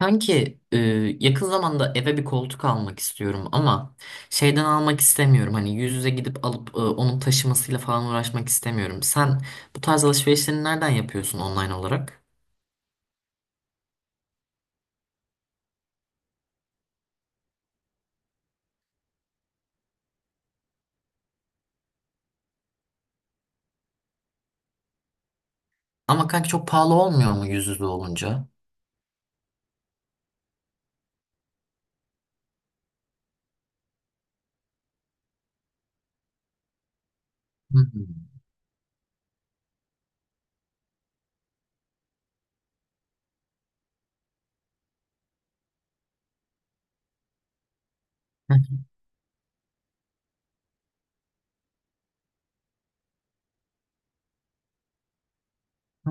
Kanki yakın zamanda eve bir koltuk almak istiyorum ama şeyden almak istemiyorum. Hani yüz yüze gidip alıp onun taşımasıyla falan uğraşmak istemiyorum. Sen bu tarz alışverişlerini nereden yapıyorsun online olarak? Ama kanki çok pahalı olmuyor mu yüz yüze olunca? Hmm.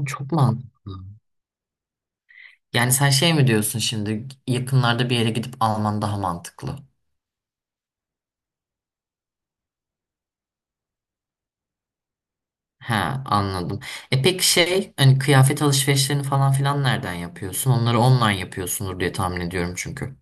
Çok mantıklı. Yani sen şey mi diyorsun şimdi yakınlarda bir yere gidip alman daha mantıklı? He, anladım. E peki şey hani kıyafet alışverişlerini falan filan nereden yapıyorsun? Onları online yapıyorsundur diye tahmin ediyorum çünkü.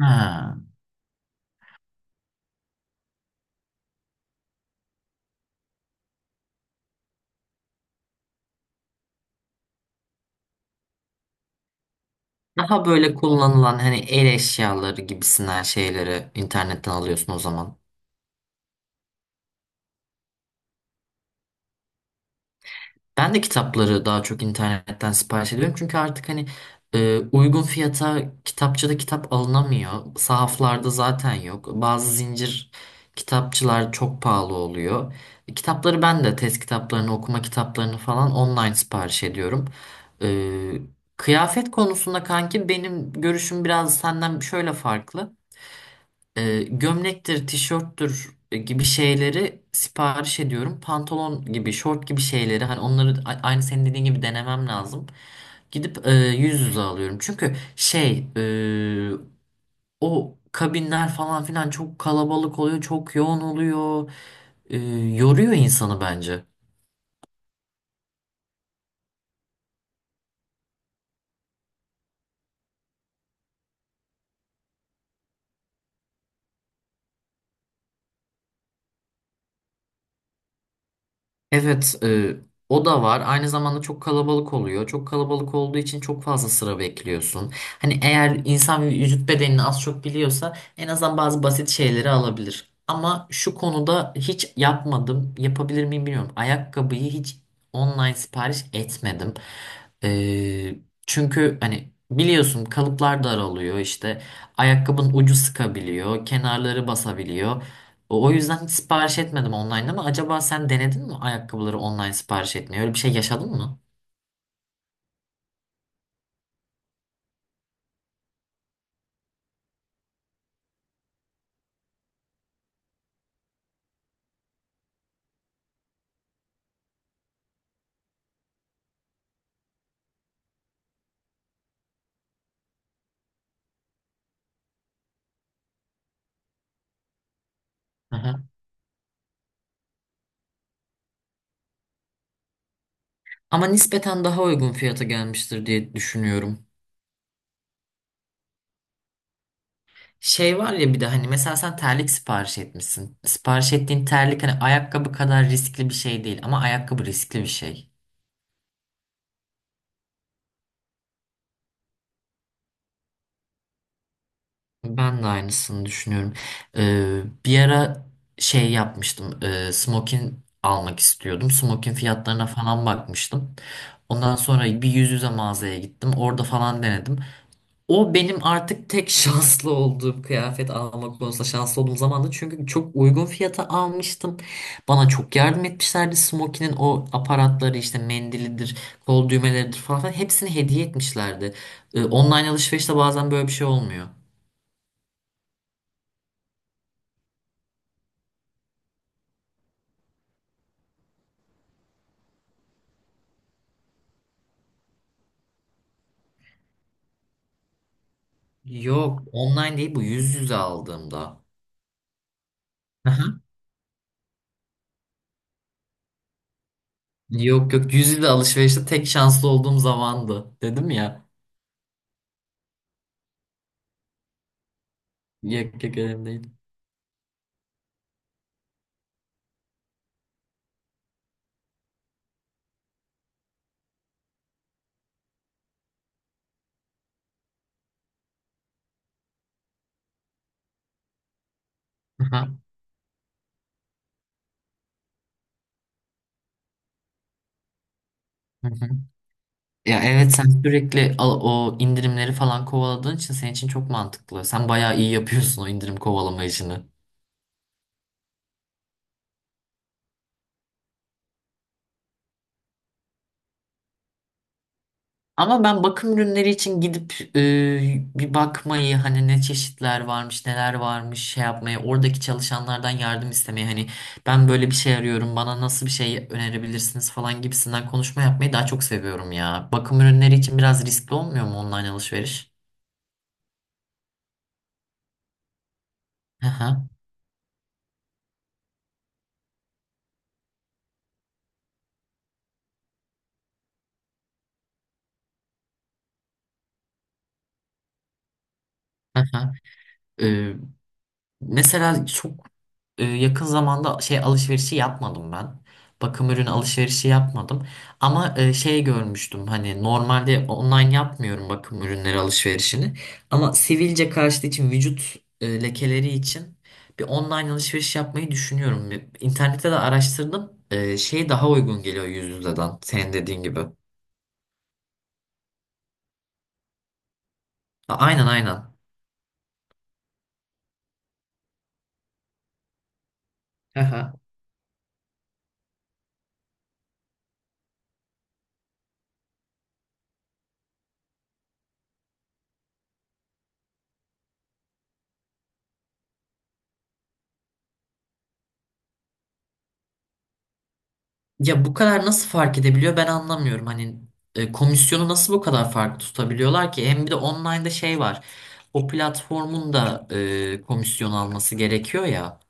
Ha. Daha böyle kullanılan hani el eşyaları gibisinden şeyleri internetten alıyorsun o zaman. Ben de kitapları daha çok internetten sipariş ediyorum. Çünkü artık hani uygun fiyata kitapçıda kitap alınamıyor. Sahaflarda zaten yok. Bazı zincir kitapçılar çok pahalı oluyor. Kitapları ben de test kitaplarını, okuma kitaplarını falan online sipariş ediyorum. Kıyafet konusunda kanki benim görüşüm biraz senden şöyle farklı. Gömlektir, tişörttür gibi şeyleri sipariş ediyorum. Pantolon gibi, şort gibi şeyleri hani onları aynı senin dediğin gibi denemem lazım. Gidip yüz yüze alıyorum. Çünkü o kabinler falan filan çok kalabalık oluyor, çok yoğun oluyor. E, Yoruyor insanı bence. Evet, o da var. Aynı zamanda çok kalabalık oluyor. Çok kalabalık olduğu için çok fazla sıra bekliyorsun. Hani eğer insan vücut bedenini az çok biliyorsa en azından bazı basit şeyleri alabilir. Ama şu konuda hiç yapmadım. Yapabilir miyim bilmiyorum. Ayakkabıyı hiç online sipariş etmedim. E, Çünkü hani biliyorsun kalıplar daralıyor işte. Ayakkabının ucu sıkabiliyor, kenarları basabiliyor. O yüzden hiç sipariş etmedim online, ama acaba sen denedin mi ayakkabıları online sipariş etmeyi? Öyle bir şey yaşadın mı? Aha. Ama nispeten daha uygun fiyata gelmiştir diye düşünüyorum. Şey var ya, bir de hani mesela sen terlik sipariş etmişsin. Sipariş ettiğin terlik hani ayakkabı kadar riskli bir şey değil, ama ayakkabı riskli bir şey. Ben de aynısını düşünüyorum. Bir ara şey yapmıştım. Smokin almak istiyordum. Smokin fiyatlarına falan bakmıştım. Ondan sonra bir yüz yüze mağazaya gittim. Orada falan denedim. O benim artık tek şanslı olduğum, kıyafet almak konusunda şanslı olduğum zamandı. Çünkü çok uygun fiyata almıştım. Bana çok yardım etmişlerdi. Smokin'in o aparatları işte mendilidir, kol düğmeleridir falan filan hepsini hediye etmişlerdi. Online alışverişte bazen böyle bir şey olmuyor. Yok, online değil, bu yüz yüze aldığımda. Aha. Yok yok, yüz yüze alışverişte tek şanslı olduğum zamandı. Dedim ya. Yok yok, önemli değil. Aha. Hı hı. Ya evet, sen sürekli o indirimleri falan kovaladığın için senin için çok mantıklı. Sen bayağı iyi yapıyorsun o indirim kovalama işini. Ama ben bakım ürünleri için gidip bir bakmayı, hani ne çeşitler varmış, neler varmış şey yapmayı, oradaki çalışanlardan yardım istemeyi, hani ben böyle bir şey arıyorum, bana nasıl bir şey önerebilirsiniz falan gibisinden konuşma yapmayı daha çok seviyorum ya. Bakım ürünleri için biraz riskli olmuyor mu online alışveriş? Hı hı. Mesela çok yakın zamanda şey alışverişi yapmadım ben. Bakım ürün alışverişi yapmadım. Ama şey görmüştüm, hani normalde online yapmıyorum bakım ürünleri alışverişini. Ama sivilce karşıtı için, vücut lekeleri için bir online alışveriş yapmayı düşünüyorum. İnternette de araştırdım. Şey daha uygun geliyor yüz yüzeden, senin dediğin gibi. Aynen aynen. Ya bu kadar nasıl fark edebiliyor, ben anlamıyorum. Hani komisyonu nasıl bu kadar farklı tutabiliyorlar ki? Hem bir de online'da şey var. O platformun da komisyon alması gerekiyor ya.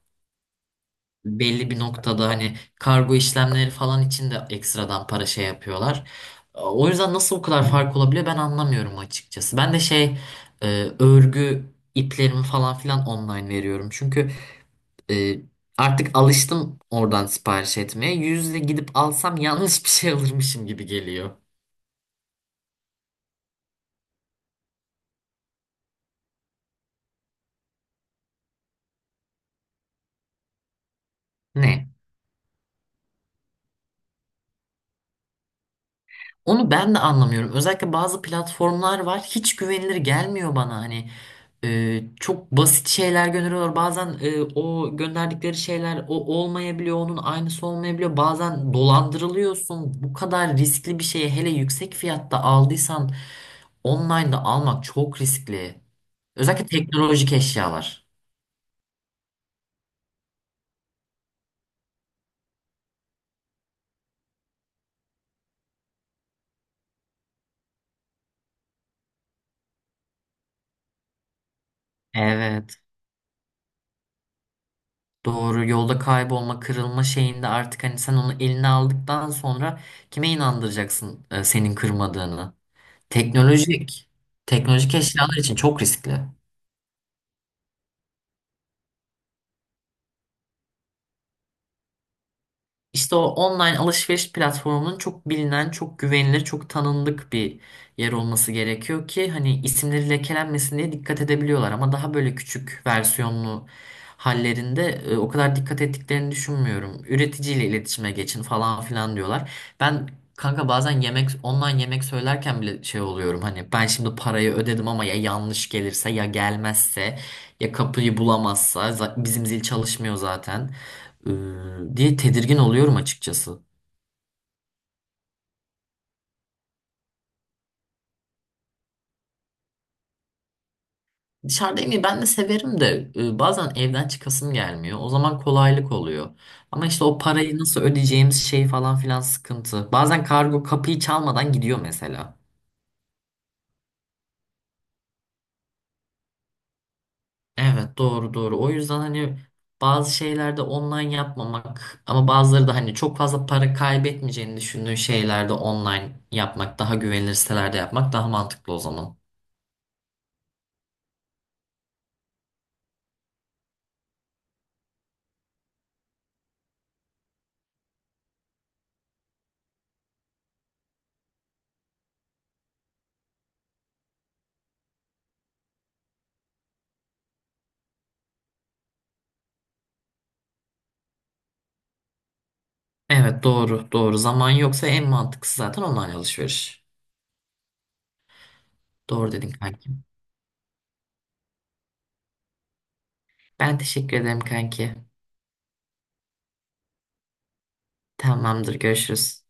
Belli bir noktada hani kargo işlemleri falan için de ekstradan para şey yapıyorlar. O yüzden nasıl bu kadar fark olabiliyor, ben anlamıyorum açıkçası. Ben de e, örgü iplerimi falan filan online veriyorum. Çünkü ee, artık alıştım oradan sipariş etmeye. Yüzle gidip alsam yanlış bir şey alırmışım gibi geliyor. Ne? Onu ben de anlamıyorum. Özellikle bazı platformlar var. Hiç güvenilir gelmiyor bana. Hani çok basit şeyler gönderiyorlar. Bazen o gönderdikleri şeyler o olmayabiliyor. Onun aynısı olmayabiliyor. Bazen dolandırılıyorsun. Bu kadar riskli bir şeyi, hele yüksek fiyatta aldıysan, online'da almak çok riskli. Özellikle teknolojik eşyalar. Evet. Doğru, yolda kaybolma, kırılma şeyinde artık hani sen onu eline aldıktan sonra kime inandıracaksın senin kırmadığını? Teknolojik, teknolojik eşyalar için çok riskli. İşte o online alışveriş platformunun çok bilinen, çok güvenilir, çok tanındık bir yer olması gerekiyor ki hani isimleri lekelenmesin diye dikkat edebiliyorlar, ama daha böyle küçük versiyonlu hallerinde o kadar dikkat ettiklerini düşünmüyorum. Üreticiyle iletişime geçin falan filan diyorlar. Ben kanka bazen online yemek söylerken bile şey oluyorum, hani ben şimdi parayı ödedim ama ya yanlış gelirse, ya gelmezse, ya kapıyı bulamazsa, bizim zil çalışmıyor zaten, diye tedirgin oluyorum açıkçası. Dışarıda yemeği ben de severim de bazen evden çıkasım gelmiyor. O zaman kolaylık oluyor. Ama işte o parayı nasıl ödeyeceğimiz şey falan filan sıkıntı. Bazen kargo kapıyı çalmadan gidiyor mesela. Evet, doğru doğru. O yüzden hani bazı şeylerde online yapmamak, ama bazıları da hani çok fazla para kaybetmeyeceğini düşündüğün şeylerde online yapmak, daha güvenilir sitelerde yapmak daha mantıklı o zaman. Evet, doğru doğru. Zaman yoksa en mantıklısı zaten online alışveriş. Doğru dedin kanki. Ben teşekkür ederim kanki. Tamamdır, görüşürüz.